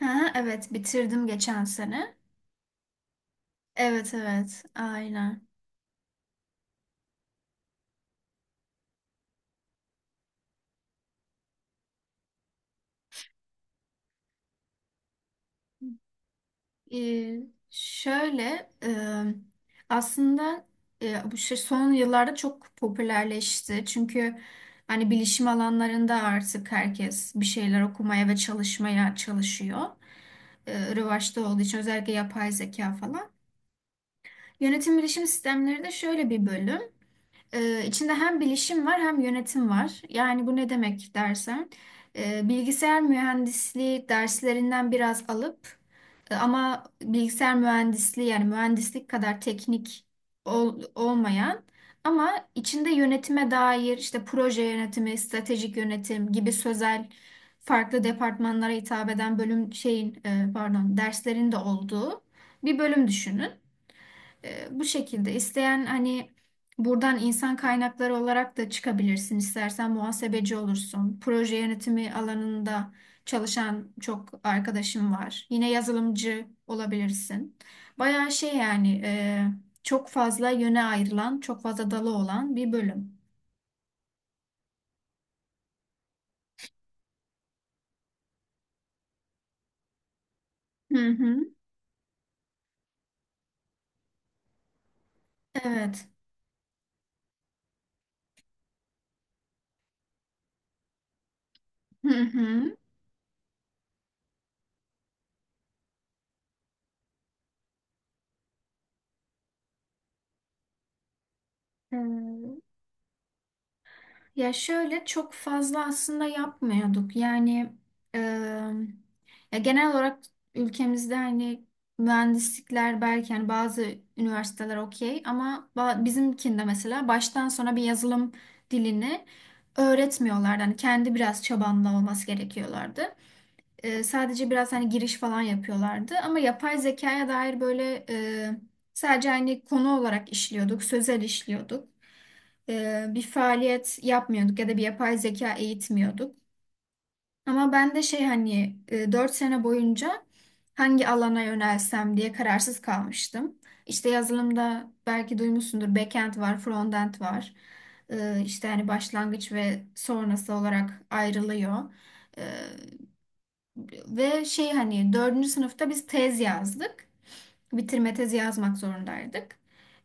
Ha, evet, bitirdim geçen sene. Evet, evet, aynen. Ee, Şöyle aslında bu şey son yıllarda çok popülerleşti. Çünkü hani bilişim alanlarında artık herkes bir şeyler okumaya ve çalışmaya çalışıyor. Revaçta olduğu için özellikle yapay zeka falan. Yönetim bilişim sistemleri de şöyle bir bölüm. İçinde hem bilişim var hem yönetim var. Yani bu ne demek dersen, bilgisayar mühendisliği derslerinden biraz alıp ama bilgisayar mühendisliği yani mühendislik kadar teknik olmayan ama içinde yönetime dair işte proje yönetimi, stratejik yönetim gibi sözel farklı departmanlara hitap eden bölüm şeyin pardon derslerin de olduğu bir bölüm düşünün. Bu şekilde isteyen hani buradan insan kaynakları olarak da çıkabilirsin. İstersen muhasebeci olursun. Proje yönetimi alanında çalışan çok arkadaşım var. Yine yazılımcı olabilirsin. Bayağı şey yani, çok fazla yöne ayrılan, çok fazla dalı olan bir bölüm. Hı hı. Evet. Hı hı. Ya şöyle çok fazla aslında yapmıyorduk. Yani e, ya genel olarak ülkemizde hani mühendislikler belki hani bazı üniversiteler okey ama bizimkinde mesela baştan sona bir yazılım dilini öğretmiyorlardı. Hani kendi biraz çabanla olması gerekiyorlardı. E, sadece biraz hani giriş falan yapıyorlardı. Ama yapay zekaya dair böyle, sadece hani konu olarak işliyorduk, sözel işliyorduk, bir faaliyet yapmıyorduk ya da bir yapay zeka eğitmiyorduk. Ama ben de şey hani 4 sene boyunca hangi alana yönelsem diye kararsız kalmıştım. İşte yazılımda belki duymuşsundur backend var, frontend var. E, işte hani başlangıç ve sonrası olarak ayrılıyor. E, Ve şey hani dördüncü sınıfta biz tez yazdık, bitirme tezi yazmak zorundaydık.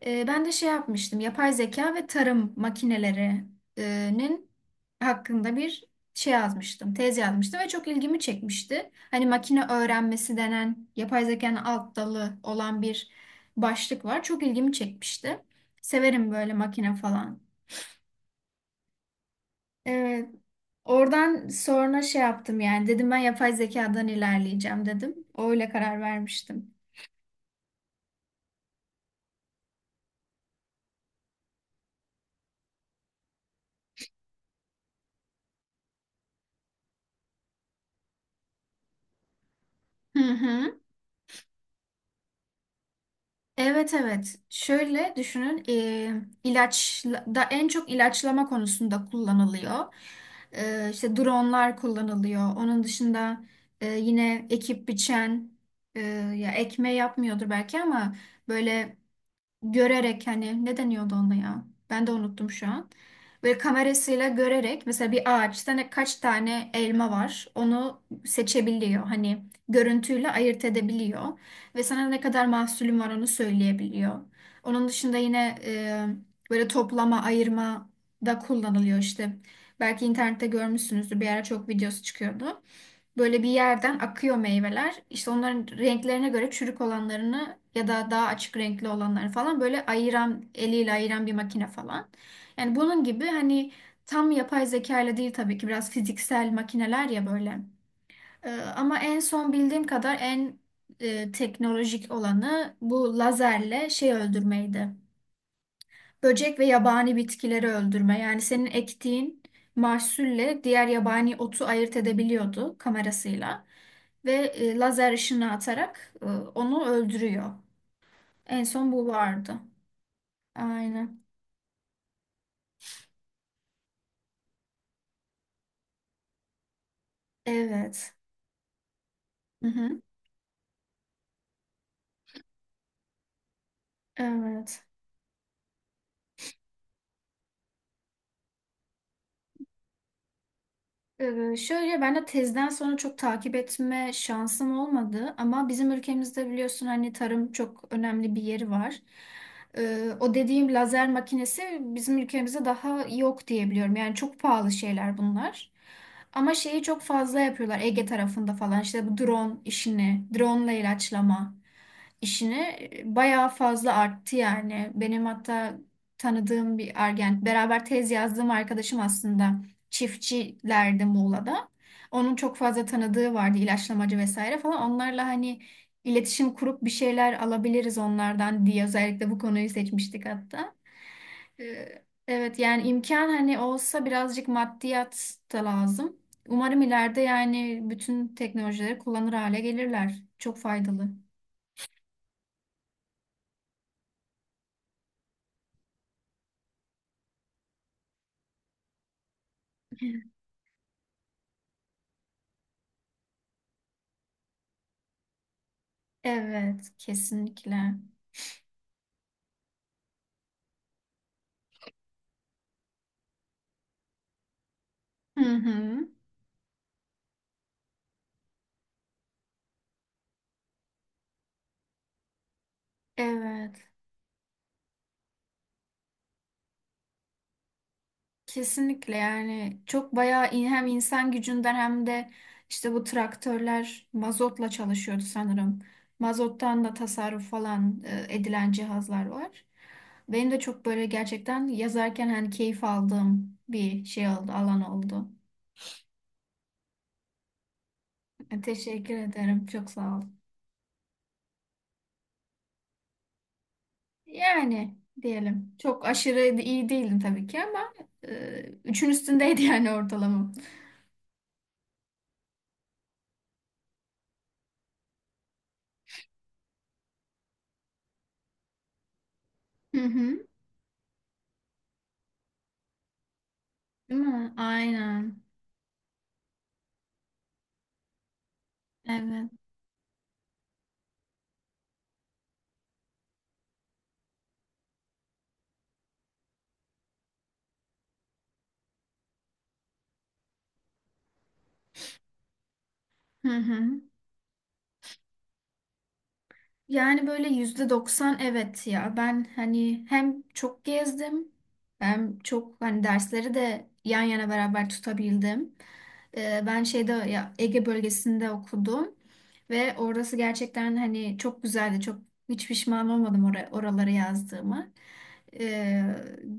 Ben de şey yapmıştım, yapay zeka ve tarım makinelerinin hakkında bir şey yazmıştım, tez yazmıştım ve çok ilgimi çekmişti. Hani makine öğrenmesi denen yapay zekanın alt dalı olan bir başlık var. Çok ilgimi çekmişti. Severim böyle makine falan. Evet. Oradan sonra şey yaptım, yani dedim ben yapay zekadan ilerleyeceğim dedim. Öyle karar vermiştim. Hı hı. Evet, evet. Şöyle düşünün, ilaç da en çok ilaçlama konusunda kullanılıyor. E, işte dronlar kullanılıyor. Onun dışında yine ekip biçen, e, ya ekmeği yapmıyordur belki ama böyle görerek hani ne deniyordu ona ya? Ben de unuttum şu an. Böyle kamerasıyla görerek mesela bir ağaçta ne kaç tane elma var onu seçebiliyor. Hani görüntüyle ayırt edebiliyor ve sana ne kadar mahsulün var onu söyleyebiliyor. Onun dışında yine böyle toplama, ayırma da kullanılıyor işte. Belki internette görmüşsünüzdür. Bir ara çok videosu çıkıyordu. Böyle bir yerden akıyor meyveler. İşte onların renklerine göre çürük olanlarını ya da daha açık renkli olanları falan böyle ayıran, eliyle ayıran bir makine falan. Yani bunun gibi hani tam yapay zeka ile değil tabii ki, biraz fiziksel makineler ya böyle. Ama en son bildiğim kadar en teknolojik olanı bu lazerle şey öldürmeydi. Böcek ve yabani bitkileri öldürme. Yani senin ektiğin mahsulle diğer yabani otu ayırt edebiliyordu kamerasıyla. Ve lazer ışını atarak onu öldürüyor. En son bu vardı. Aynen. Evet. Hı hı. Evet. Şöyle ben de tezden sonra çok takip etme şansım olmadı ama bizim ülkemizde biliyorsun hani tarım çok önemli bir yeri var. O dediğim lazer makinesi bizim ülkemizde daha yok diye biliyorum. Yani çok pahalı şeyler bunlar. Ama şeyi çok fazla yapıyorlar Ege tarafında falan, işte bu drone işini, drone ile ilaçlama işini bayağı fazla arttı yani. Benim hatta tanıdığım bir argen beraber tez yazdığım arkadaşım aslında çiftçilerdi Muğla'da. Onun çok fazla tanıdığı vardı ilaçlamacı vesaire falan. Onlarla hani iletişim kurup bir şeyler alabiliriz onlardan diye özellikle bu konuyu seçmiştik hatta. Evet yani imkan hani olsa birazcık maddiyat da lazım. Umarım ileride yani bütün teknolojileri kullanır hale gelirler. Çok faydalı. Evet, kesinlikle. Hı hı. Evet. Kesinlikle yani, çok bayağı hem insan gücünden hem de işte bu traktörler mazotla çalışıyordu sanırım. Mazottan da tasarruf falan edilen cihazlar var. Benim de çok böyle gerçekten yazarken hani keyif aldığım bir şey oldu, alan oldu. Teşekkür ederim. Çok sağ ol. Yani diyelim çok aşırı iyi değildim tabii ki, ama üçün üstündeydi yani ortalamam. Hı hı. Değil mi? Aynen. Evet. Hı hı. Yani böyle %90 evet ya. Ben hani hem çok gezdim hem çok hani dersleri de yan yana beraber tutabildim. Ben şeyde ya Ege bölgesinde okudum ve orası gerçekten hani çok güzeldi. Çok, hiç pişman olmadım oraya, oraları yazdığımı. Ee,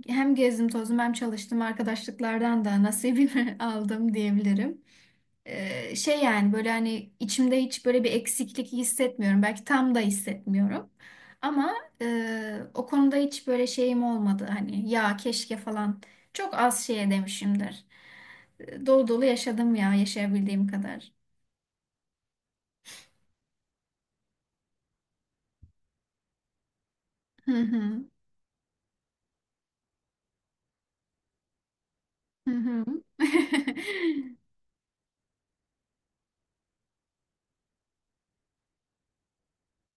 Hem gezdim tozdum hem çalıştım, arkadaşlıklardan da nasibimi aldım diyebilirim. Şey yani böyle hani içimde hiç böyle bir eksiklik hissetmiyorum. Belki tam da hissetmiyorum. Ama o konuda hiç böyle şeyim olmadı. Hani ya keşke falan çok az şeye demişimdir. Dolu dolu yaşadım ya, yaşayabildiğim kadar. Hı hı. Hı hı.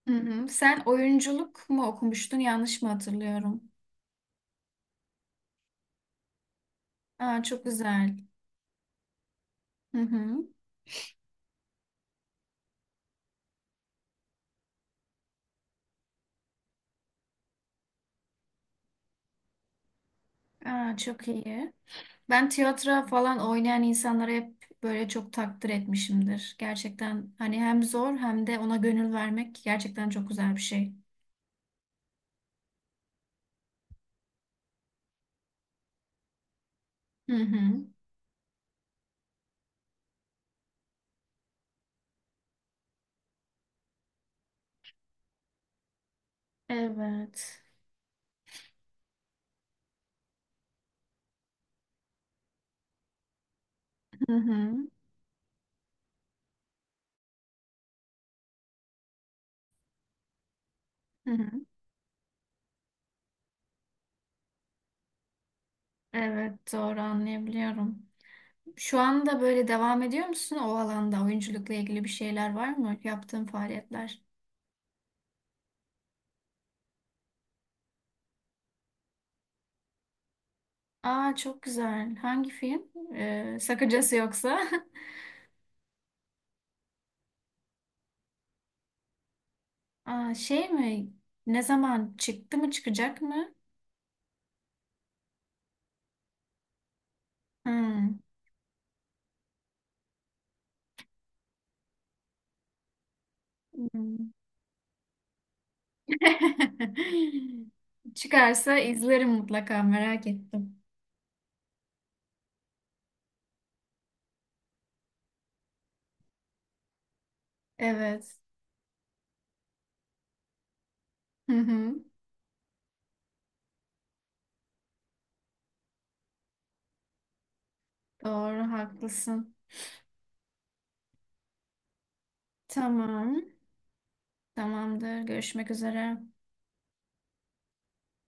Hı hı. Sen oyunculuk mu okumuştun? Yanlış mı hatırlıyorum? Aa çok güzel. Hı hı. Aa çok iyi. Ben tiyatro falan oynayan insanlara hep böyle çok takdir etmişimdir. Gerçekten hani hem zor hem de ona gönül vermek gerçekten çok güzel bir şey. Hı hı. Evet. Hı hı. Hı hı. Evet, doğru anlayabiliyorum. Şu anda böyle devam ediyor musun o alanda? Oyunculukla ilgili bir şeyler var mı? Yaptığın faaliyetler. Aa çok güzel. Hangi film? Sakıncası yoksa. Aa, şey mi? Ne zaman çıktı mı çıkacak mı? Hmm. Hmm. Çıkarsa izlerim mutlaka, merak ettim. Evet. Hı hı. Doğru haklısın. Tamam. Tamamdır. Görüşmek üzere.